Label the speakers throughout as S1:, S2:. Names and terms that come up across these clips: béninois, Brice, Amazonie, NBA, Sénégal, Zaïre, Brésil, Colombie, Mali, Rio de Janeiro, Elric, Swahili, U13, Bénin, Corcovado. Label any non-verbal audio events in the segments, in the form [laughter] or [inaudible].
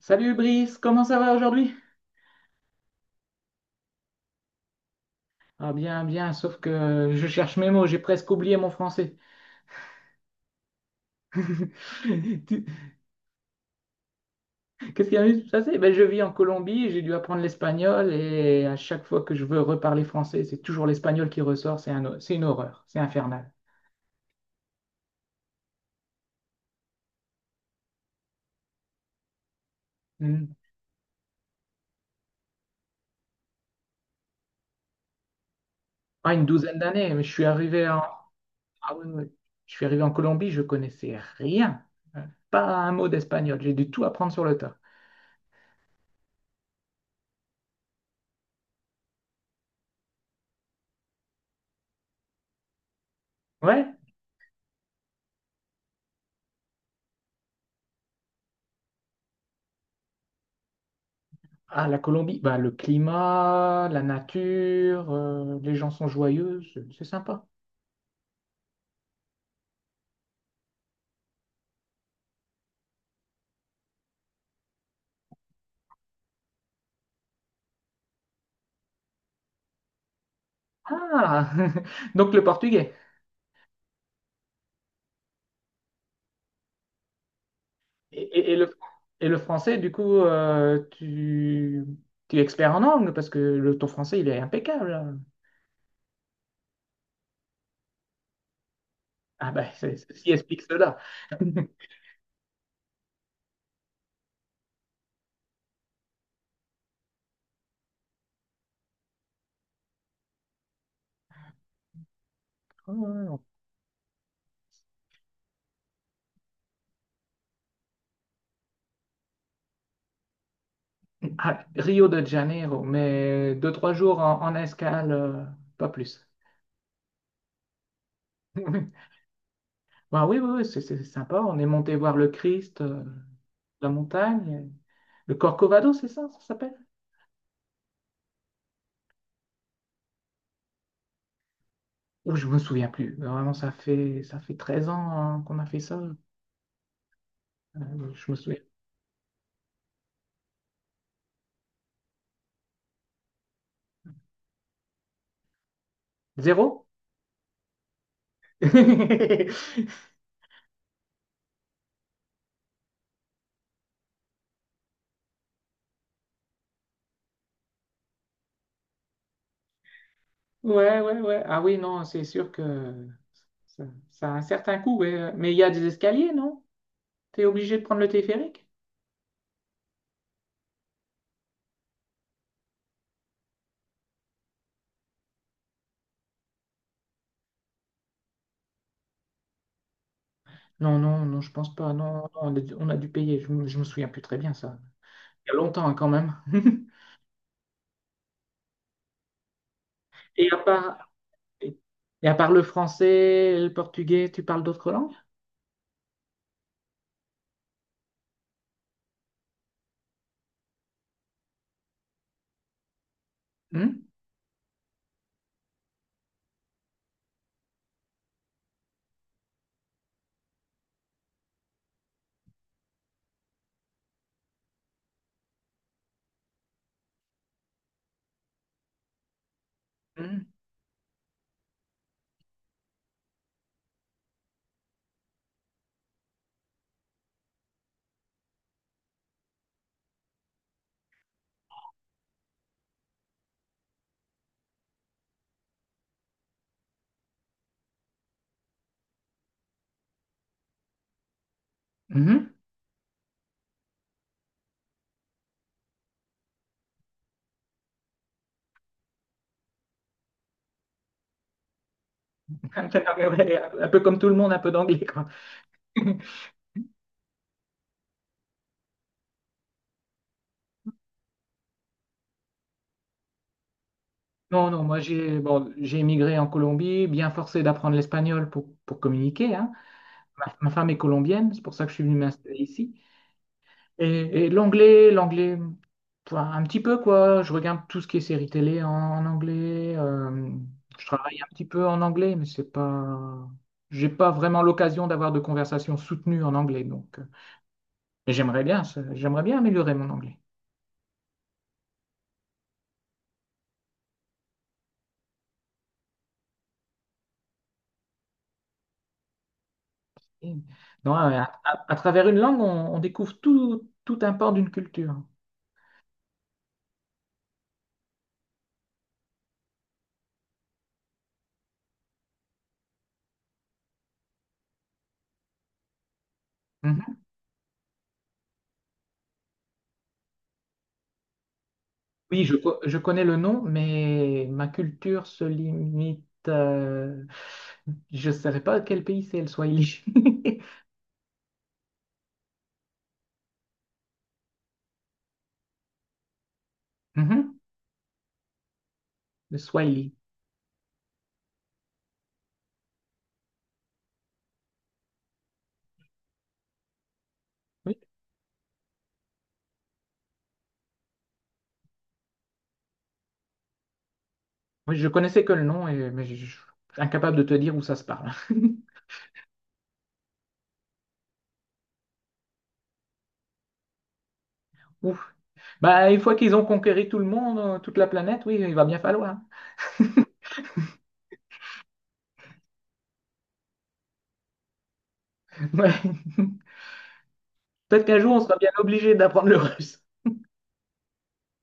S1: Salut Brice, comment ça va aujourd'hui? Ah bien, bien, sauf que je cherche mes mots, j'ai presque oublié mon français. [laughs] Tu- Qu'est-ce qui a eu ça? Ben, je vis en Colombie, j'ai dû apprendre l'espagnol et à chaque fois que je veux reparler français, c'est toujours l'espagnol qui ressort, c'est une horreur, c'est infernal. Hmm. Ah, une douzaine d'années, mais je suis arrivé en... ah oui, oui. Je suis arrivé en Colombie, je connaissais rien, pas un mot d'espagnol, j'ai dû tout apprendre sur le tas. Ouais. Ah, la Colombie, bah, le climat, la nature, les gens sont joyeux, c'est sympa. Ah, [laughs] donc le portugais. Et, et- et le, et le français, du coup, tu, tu es expert en anglais parce que le, ton français, il est impeccable. Ah, bah, ceci explique cela. [laughs] Ah, Rio de Janeiro, mais deux, trois jours en, en escale, pas plus. [laughs] Bah, oui, oui, oui, c'est sympa. On est monté voir le Christ. La montagne, le Corcovado, c'est ça, ça s'appelle? Ou je me souviens plus. Vraiment, ça fait 13 ans hein, qu'on a fait ça. Je me souviens. Zéro? [laughs] Ouais, ouais, ouais. Ah oui, non, c'est sûr que ça, ça a un certain coût. Ouais. Mais il y a des escaliers, non? T'es obligé de prendre le téléphérique? Non, non, non, je pense pas. Non, non, on a dû payer. Je me souviens plus très bien ça. Il y a longtemps hein, quand même. [laughs] Et à part, et à part le français, le portugais, tu parles d'autres langues? Hmm. Hmm. Mhm. [laughs] Ouais, ouais, un peu comme tout le monde, un peu d'anglais, quoi. [laughs] Non, non, moi j'ai bon, j'ai émigré en Colombie, bien forcé d'apprendre l'espagnol pour communiquer, hein. Ma femme est colombienne, c'est pour ça que je suis venu m'installer ici. Et, l'anglais, enfin, un petit peu quoi. Je regarde tout ce qui est séries télé en, en anglais. Je travaille un petit peu en anglais, mais c'est pas, j'ai pas vraiment l'occasion d'avoir de conversations soutenues en anglais. Donc, mais j'aimerais bien, j'aimerais bien améliorer mon anglais. Non, à travers une langue, on découvre tout, tout un pan d'une culture. Mhm. Oui, je connais le nom, mais ma culture se limite. Je ne saurais pas quel pays c'est, le Swahili. [laughs] Mhm. Le Swahili. Oui. Oui, je connaissais que le nom, et, suis incapable de te dire où ça se parle. [laughs] Ouf. Bah, une fois qu'ils ont conquéri tout le monde, toute la planète, oui, il va bien falloir. [laughs] Ouais. Peut-être qu'un jour, on sera bien obligé d'apprendre le russe,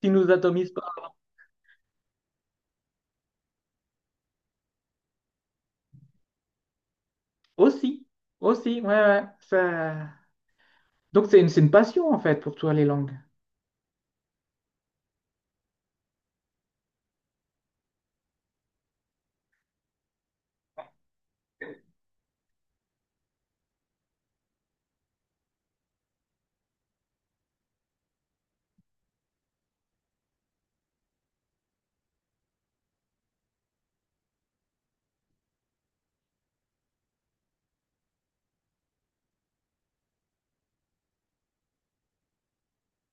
S1: qui nous atomise. Aussi, aussi, ouais, ouais. Ça- donc c'est une passion en fait pour toi les langues.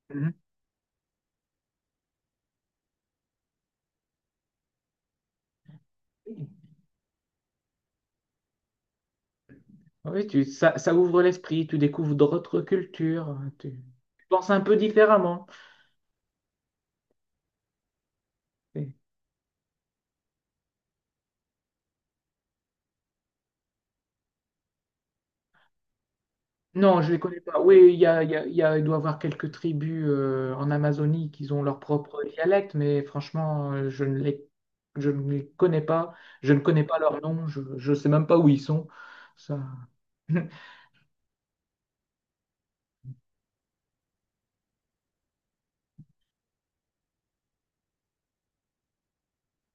S1: Mhm. Oui, tu, ça ouvre l'esprit, tu découvres d'autres cultures, tu penses un peu différemment. Et- non, je les connais pas. Oui, il y a- il y a- il doit y avoir quelques tribus en Amazonie qui ont leur propre dialecte, mais franchement, je ne les connais pas. Je ne connais pas leur nom, je ne sais même pas où ils sont. Ça- [laughs]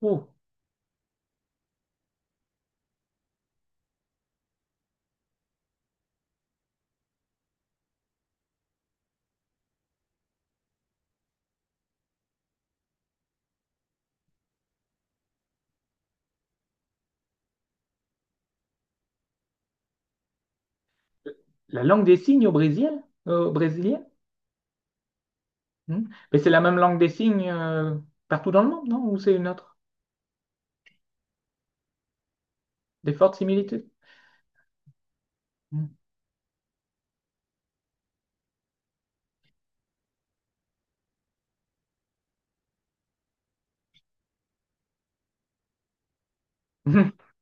S1: Oh, la langue des signes au Brésil, au Brésil. Hmm. Mais c'est la même langue des signes partout dans le monde, non? Ou c'est une autre? Des fortes similitudes? Hmm. [laughs]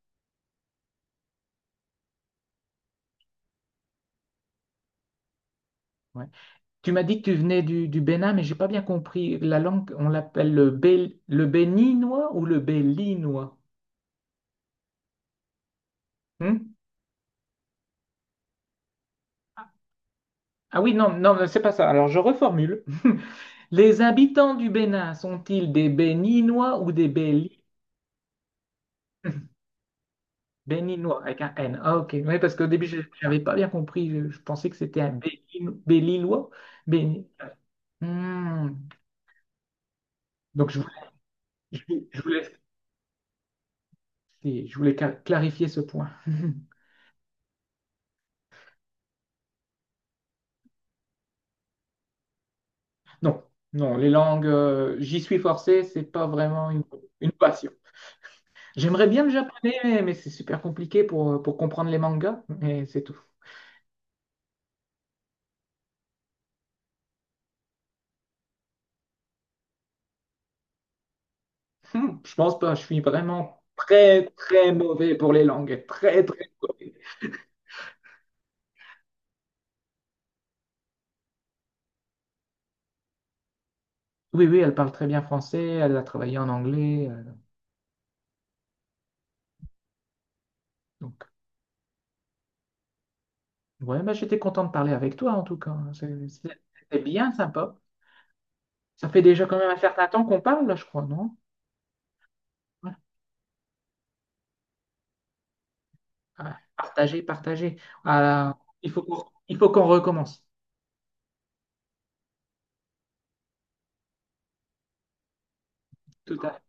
S1: Ouais. Tu m'as dit que tu venais du Bénin, mais j'ai pas bien compris. La langue, on l'appelle le, le béninois ou le bélinois? Hmm? Ah oui, non, non, c'est pas ça. Alors je reformule. [laughs] Les habitants du Bénin sont-ils des béninois ou des béli? [laughs] Béninois avec un N. Ah, ok. Oui, parce qu'au début, je n'avais pas bien compris. Je pensais que c'était un Bélinois. Béni. Hmm. Donc, voulais, je je voulais clarifier ce point. [laughs] Non, non, les langues, j'y suis forcé, c'est pas vraiment une passion. J'aimerais bien le japonais, mais c'est super compliqué pour comprendre les mangas, mais c'est tout. Hmm, je pense pas, je suis vraiment très, très mauvais pour les langues, très, très mauvais. Oui, oui, elle parle très bien français, elle a travaillé en anglais, donc, ouais, bah, j'étais content de parler avec toi, en tout cas. Hein, c'était bien sympa. Ça fait déjà quand même un certain temps qu'on parle, là, je crois, non? Ouais, partagez, partagez. Ah, il faut qu'on recommence. Tout à